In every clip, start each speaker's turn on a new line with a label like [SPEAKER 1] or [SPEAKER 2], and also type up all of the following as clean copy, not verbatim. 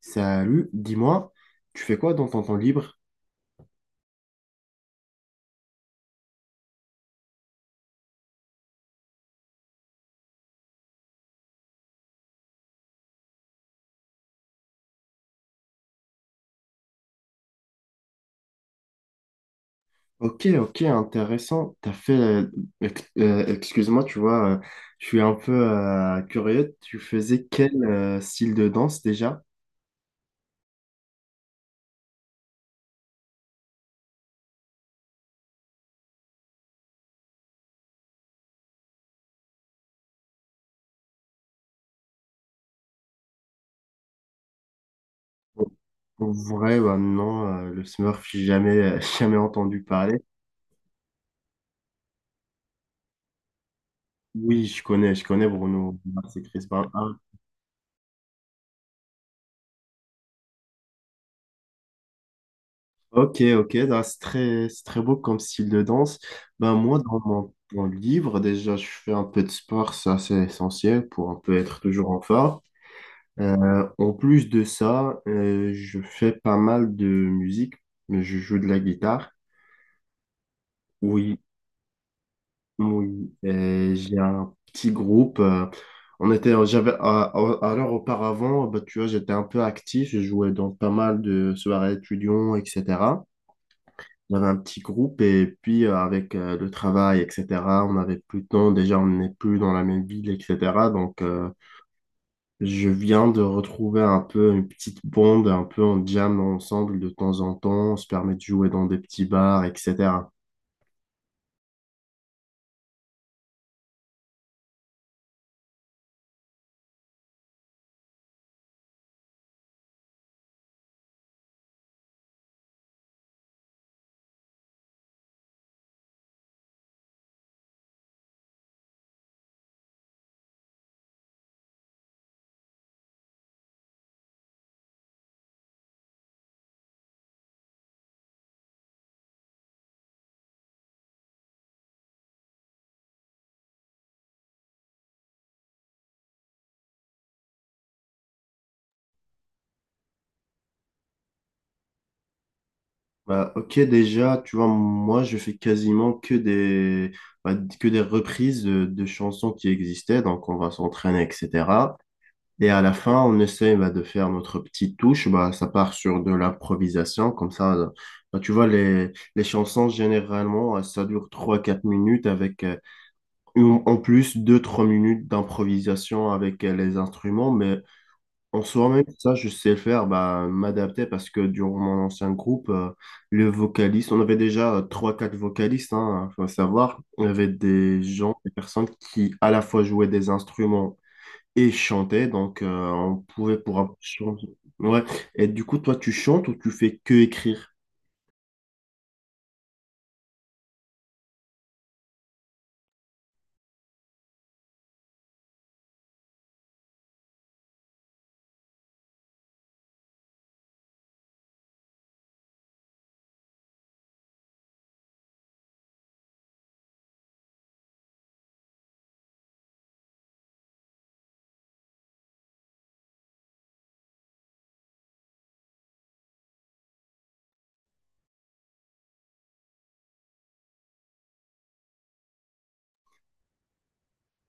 [SPEAKER 1] Salut, dis-moi, tu fais quoi dans ton temps libre? Ok, ok, intéressant. T'as fait, excuse-moi, tu vois, je suis un peu curieux. Tu faisais quel style de danse déjà? En vrai, bah non, le Smurf, j'ai jamais, jamais entendu parler. Oui, je connais Bruno Mars et Chris Brown. Ah, ok, ok, bah, c'est très beau comme style de danse. Ben, moi, dans mon temps libre, déjà, je fais un peu de sport, ça c'est essentiel pour un peu être toujours en forme. En plus de ça, je fais pas mal de musique, mais je joue de la guitare. Oui, oui. J'ai un petit groupe. On était, j'avais, à- alors auparavant, bah, tu vois, j'étais un peu actif. Je jouais dans pas mal de soirées étudiants, etc. J'avais un petit groupe et puis avec le travail, etc. On n'avait plus de temps. Déjà, on n'est plus dans la même ville, etc. Donc, je viens de retrouver un peu une petite bande, un peu en jam ensemble de temps en temps, on se permet de jouer dans des petits bars, etc. Bah, ok, déjà, tu vois, moi, je fais quasiment que bah, que des reprises de chansons qui existaient, donc on va s'entraîner, etc. Et à la fin, on essaie bah, de faire notre petite touche, bah, ça part sur de l'improvisation, comme ça, bah, tu vois, les chansons, généralement, ça dure trois quatre minutes avec, ou en plus, deux trois minutes d'improvisation avec les instruments, mais en soi, même ça, je sais faire, bah, m'adapter parce que durant mon ancien groupe, le vocaliste, on avait déjà trois quatre vocalistes, hein, faut savoir, on avait des gens, des personnes qui à la fois jouaient des instruments et chantaient, donc on pouvait changer. Ouais. Et du coup, toi, tu chantes ou tu fais que écrire?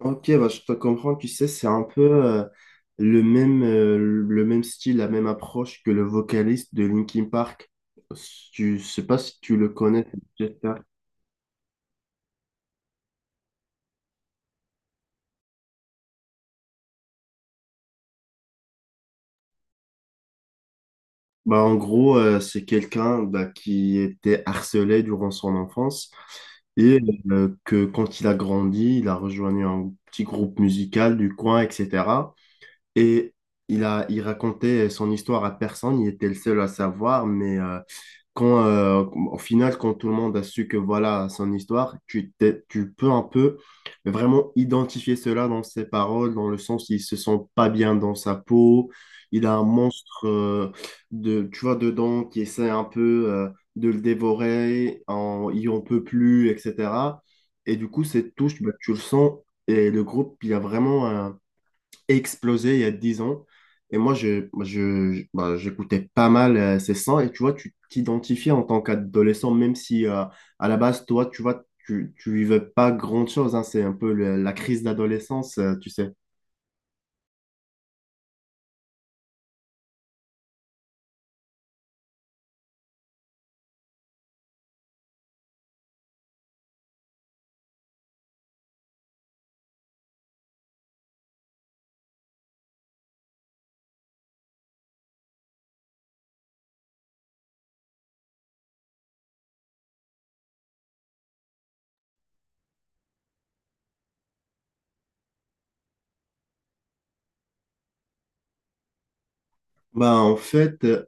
[SPEAKER 1] Ok, bah, je te comprends, tu sais, c'est un peu le même style, la même approche que le vocaliste de Linkin Park. Si Tu, je sais pas si tu le connais, c'est Chester. Bah, en gros, c'est quelqu'un bah, qui était harcelé durant son enfance et que quand il a grandi, il a rejoint un petit groupe musical du coin, etc. Et il racontait son histoire à personne, il était le seul à savoir, mais... quand, euh, au final, quand tout le monde a su que voilà son histoire, tu peux un peu vraiment identifier cela dans ses paroles, dans le sens il se sent pas bien dans sa peau, il a un monstre de, tu vois, dedans qui essaie un peu de le dévorer, il en peut plus, etc. Et du coup, cette touche, bah, tu le sens, et le groupe, il y a vraiment un explosé il y a 10 ans. Et moi, bah, j'écoutais pas mal ces sons. Et tu vois, tu t'identifies en tant qu'adolescent, même si à la base, toi, tu vois, tu vivais pas grand-chose, hein. C'est un peu la crise d'adolescence, tu sais. Bah, en fait,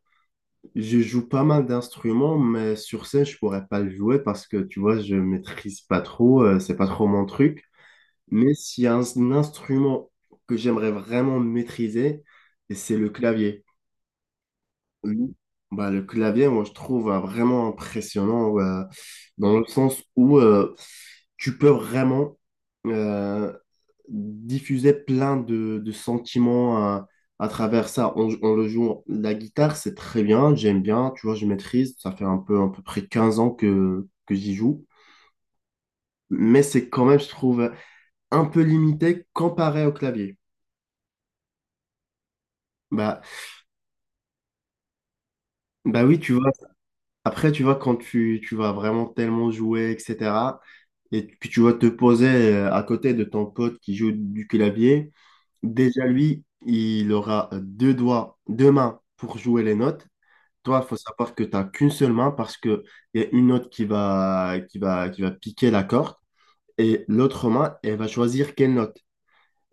[SPEAKER 1] je joue pas mal d'instruments, mais sur scène, je pourrais pas le jouer parce que, tu vois, je maîtrise pas trop. C'est pas trop mon truc. Mais s'il y a un instrument que j'aimerais vraiment maîtriser, c'est le clavier. Oui. Bah, le clavier, moi, je trouve vraiment impressionnant dans le sens où tu peux vraiment euh, diffuser plein de sentiments à travers ça. On le joue, la guitare, c'est très bien, j'aime bien, tu vois, je maîtrise. Ça fait un peu, à peu près 15 ans que j'y joue. Mais c'est quand même, je trouve, un peu limité comparé au clavier. Bah, bah, oui, tu vois, après, tu vois, quand tu vas vraiment tellement jouer, etc. et puis tu vas te poser à côté de ton pote qui joue du clavier. Déjà, lui, il aura deux doigts, deux mains pour jouer les notes. Toi, il faut savoir que tu n'as qu'une seule main parce qu'il y a une note qui va piquer la corde et l'autre main, elle va choisir quelle note.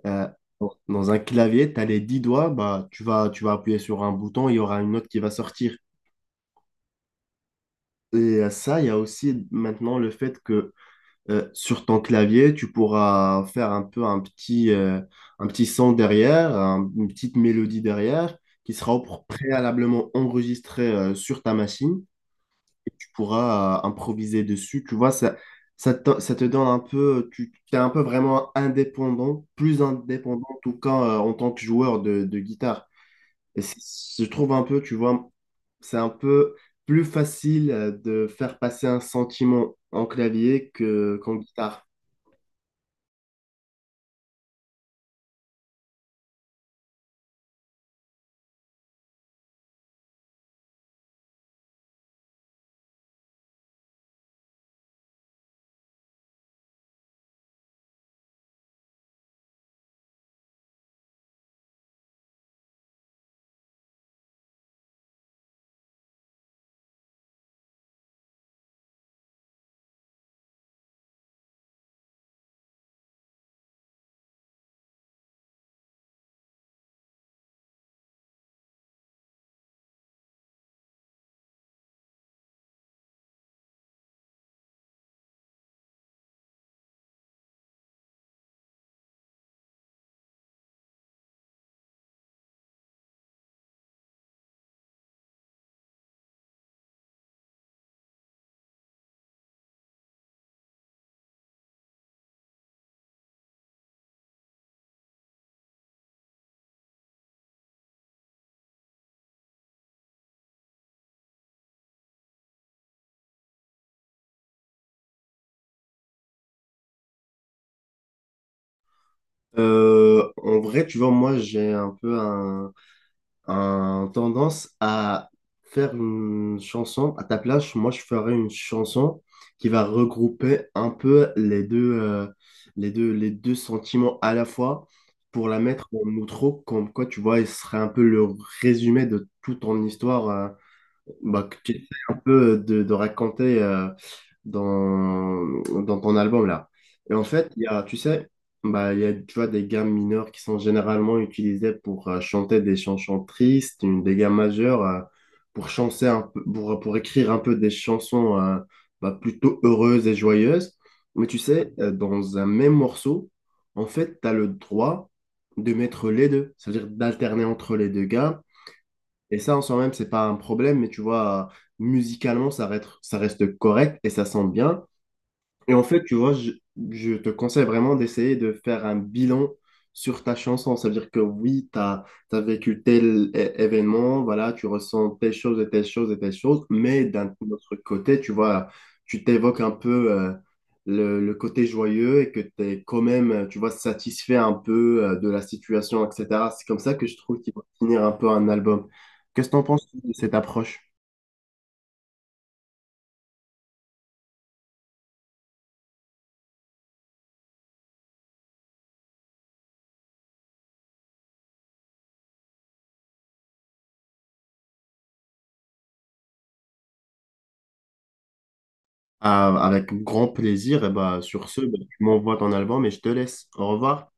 [SPEAKER 1] Euh, bon, dans un clavier, tu as les 10 doigts, bah, tu vas appuyer sur un bouton, il y aura une note qui va sortir. Et à ça, il y a aussi maintenant le fait qu'il sur ton clavier, tu pourras faire un peu un petit, son derrière, une petite mélodie derrière, qui sera préalablement enregistrée sur ta machine et tu pourras improviser dessus. Tu vois, ça te donne un peu, tu es un peu vraiment indépendant, plus indépendant en tout cas en tant que joueur de guitare. Et je trouve un peu, tu vois, c'est un peu plus facile de faire passer un sentiment en clavier qu'en guitare. En vrai, tu vois, moi, j'ai un peu un tendance à faire une chanson. À ta place, moi, je ferais une chanson qui va regrouper un peu les deux sentiments à la fois pour la mettre en outro, comme quoi, tu vois, il serait un peu le résumé de toute ton histoire, bah, que tu essaies un peu de raconter dans, dans ton album là. Et en fait, tu sais, bah, il y a, tu vois, des gammes mineures qui sont généralement utilisées pour chanter des chansons tristes, des gammes majeures pour chanter un peu, pour écrire un peu des chansons bah, plutôt heureuses et joyeuses. Mais tu sais, dans un même morceau, en fait, tu as le droit de mettre les deux, c'est-à-dire d'alterner entre les deux gammes et ça, en soi-même, c'est pas un problème, mais tu vois, musicalement, ça reste correct et ça sent bien. Et en fait, tu vois, je te conseille vraiment d'essayer de faire un bilan sur ta chanson. Ça veut dire que oui, tu as vécu tel événement, voilà, tu ressens telle chose et telle chose et telle chose, mais d'un autre côté, tu vois, tu t'évoques un peu le côté joyeux et que tu es quand même, tu vois, satisfait un peu de la situation, etc. C'est comme ça que je trouve qu'il va finir un peu un album. Qu'est-ce que tu en penses de cette approche? Ah, avec grand plaisir. Et bah, sur ce, bah, tu m'envoies ton album et je te laisse. Au revoir.